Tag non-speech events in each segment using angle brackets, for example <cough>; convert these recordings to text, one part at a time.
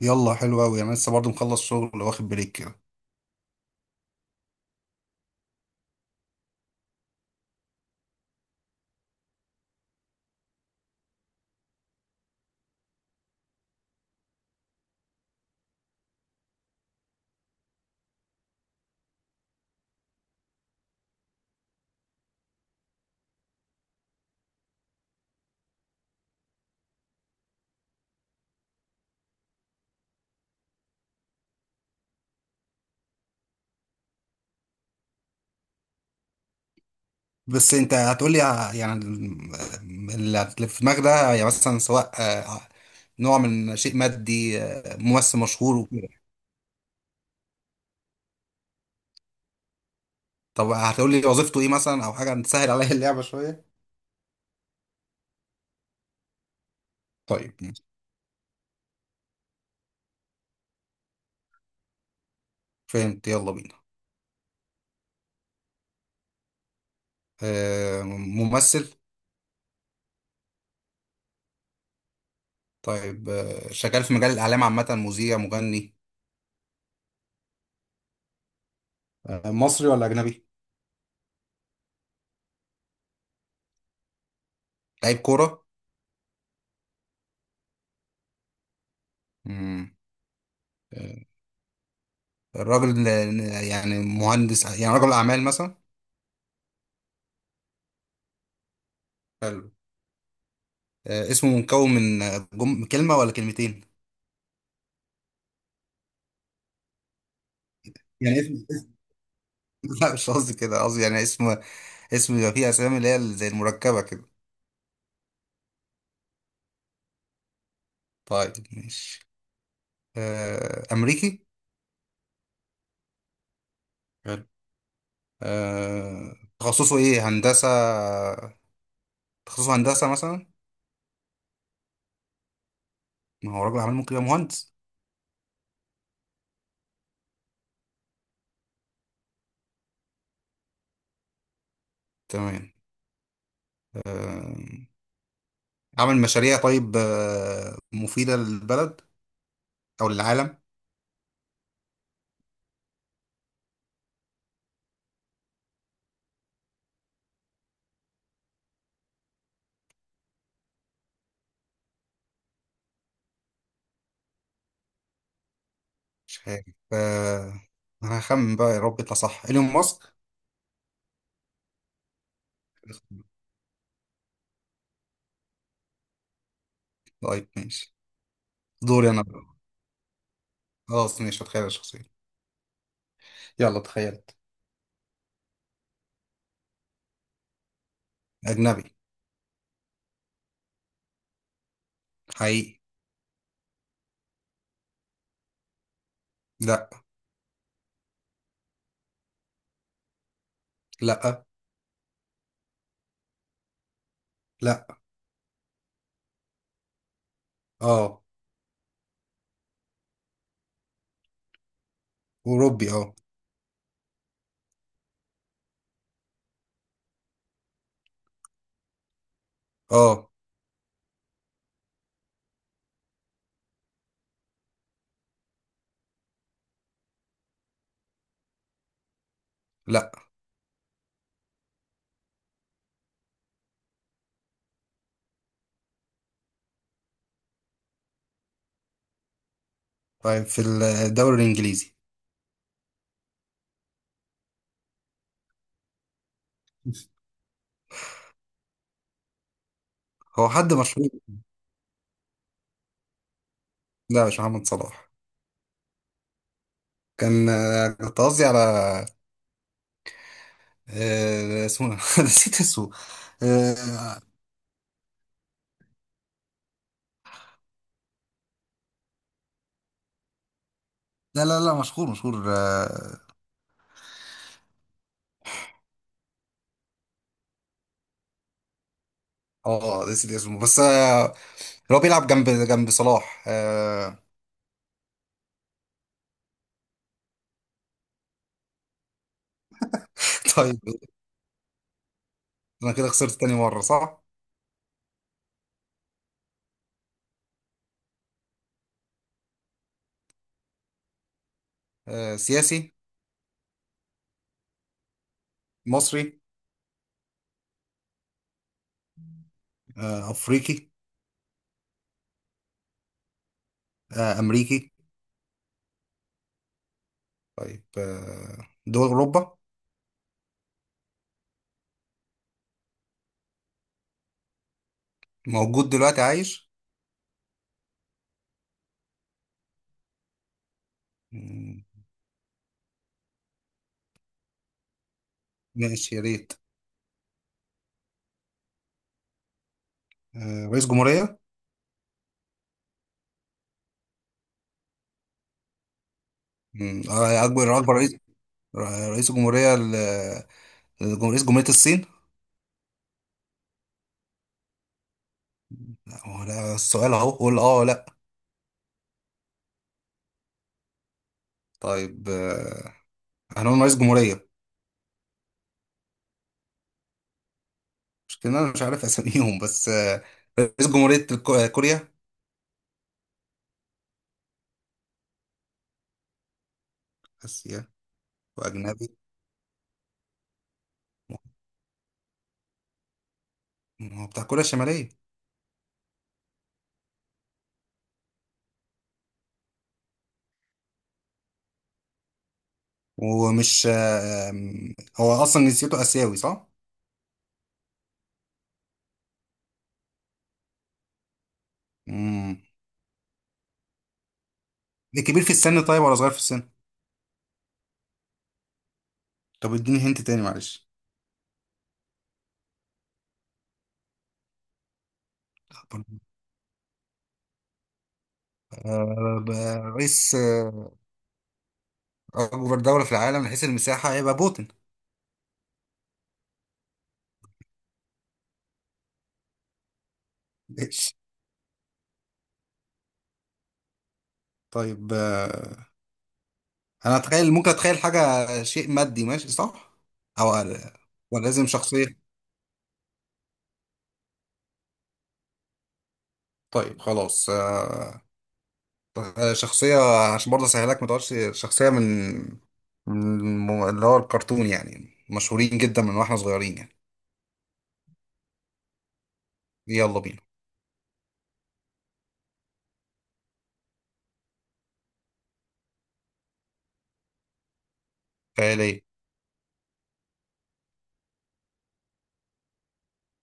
يلا حلو قوي، انا لسه برضو مخلص شغل واخد بريك كده. بس انت هتقولي اللي في دماغك ده، يعني مثلا سواء نوع من شيء مادي، ممثل مشهور وكده. طب هتقولي وظيفته ايه مثلا، او حاجه تسهل عليا اللعبه شويه. طيب ماشي. فهمت، يلا بينا. ممثل. طيب، شغال في مجال الاعلام عامه، مذيع مغني. مصري ولا اجنبي؟ لعيب كوره. مم. آه، الراجل يعني مهندس، يعني رجل اعمال مثلا. حلو. اسمه مكون من كلمة ولا كلمتين؟ يعني اسم. <laughs> لا، مش قصدي كده، قصدي يعني اسم. اسم يبقى فيه أسامي اللي هي زي المركبة كده. طيب ماشي. أمريكي. حلو. تخصصه إيه، هندسة؟ تخصصه هندسة مثلا. ما هو راجل عمل ممكن يبقى مهندس. تمام. آه، عمل مشاريع طيب، مفيدة للبلد أو للعالم. مش عارف. آه، أنا هخمن بقى، يا رب يطلع صح، إيلون ماسك. طيب ماشي. دوري أنا. خلاص ماشي هتخيل الشخصية. يلا تخيلت. أجنبي. حقيقي. لأ. لأ. لأ. اه. أوروبي، اه. اه. لأ. طيب، في الدوري الإنجليزي. هو حد مشهور. لا، مش محمد صلاح. كان آه، كنت قصدي على، اسمه إيه؟ <laughs> نسيت اسمه. آه، لا لا لا، مشهور مشهور، اه. نسيت اسمه، بس اللي هو بيلعب جنب جنب صلاح. <laughs> طيب. أنا كده خسرت تاني مرة، صح؟ سياسي. مصري. أفريقي. أمريكي. طيب، دول أوروبا. موجود دلوقتي عايش. مم، ماشي يا ريت. رئيس جمهورية. أكبر رئيس. رئيس جمهورية رئيس جمهورية الصين. لا، هو ده السؤال أهو، قول أه ولا لأ. طيب، هنقول رئيس جمهورية. مش كده، أنا مش عارف أساميهم بس رئيس جمهورية كوريا. آسيا. وأجنبي. هو بتاع كوريا الشمالية. ومش، هو أصلا جنسيته آسيوي، صح؟ مم. ده كبير في السن طيب، ولا صغير في السن؟ طب اديني هنت تاني معلش. طب، آه، ب- رئيس أكبر دولة في العالم من حيث المساحة هيبقى بوتين. ماشي. طيب، أنا أتخيل، ممكن أتخيل حاجة شيء مادي ماشي صح؟ أو آه، ولا لازم شخصية؟ طيب خلاص، شخصية. عشان برضه أسهلك ما تقولش شخصية من اللي هو الكرتون، يعني مشهورين جدا من واحنا صغيرين يعني. يلا بينا. خيال ايه.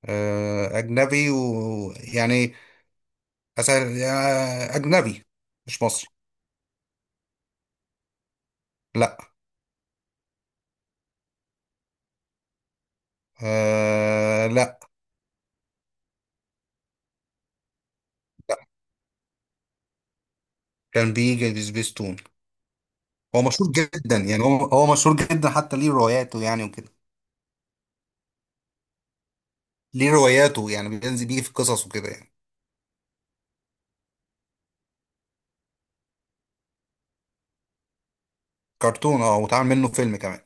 أجنبي، ويعني أسأل، يا أجنبي مش مصري. لا. آه، لا. لا، كان بيجي في سبيستون. هو مشهور جدا، يعني هو مشهور جدا، حتى ليه رواياته يعني وكده. ليه رواياته، يعني بينزل بيه في قصص وكده يعني. كرتون، اه، واتعمل منه فيلم كمان.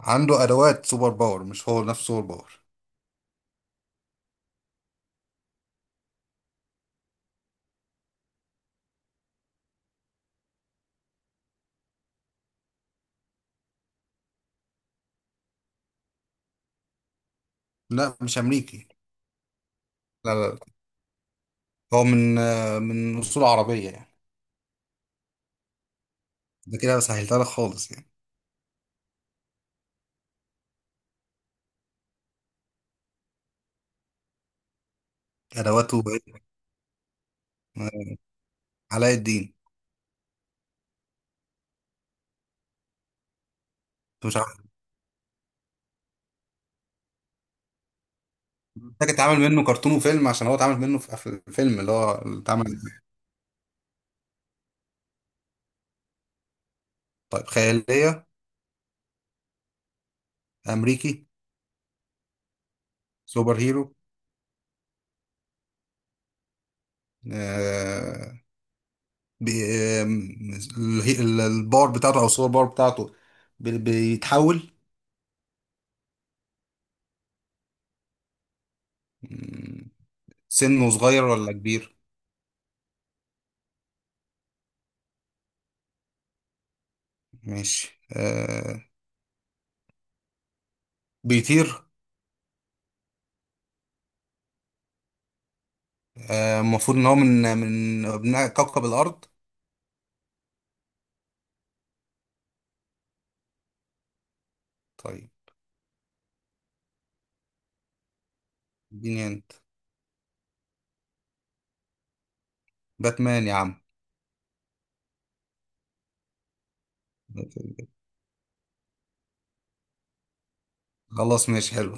عنده أدوات سوبر باور، مش هو نفسه سوبر باور. لا، مش أمريكي. لا لا لا. هو من أصول عربية يعني. ده كده سهلتها لك خالص يعني. أدواته بقت- آه، علاء الدين. انت مش محتاج اتعمل منه كرتون وفيلم، عشان هو اتعمل منه في الفيلم اللي هو اللي اتعمل. طيب خيالية. أمريكي. سوبر هيرو. آه. بي- آم، الباور بتاعته أو السوبر باور بتاعته. بيتحول. مم، سنه صغير ولا كبير؟ ماشي، آه. بيطير. المفروض إن هو من أبناء كوكب الأرض. طيب اديني أنت. باتمان يا عم. خلاص ماشي حلو.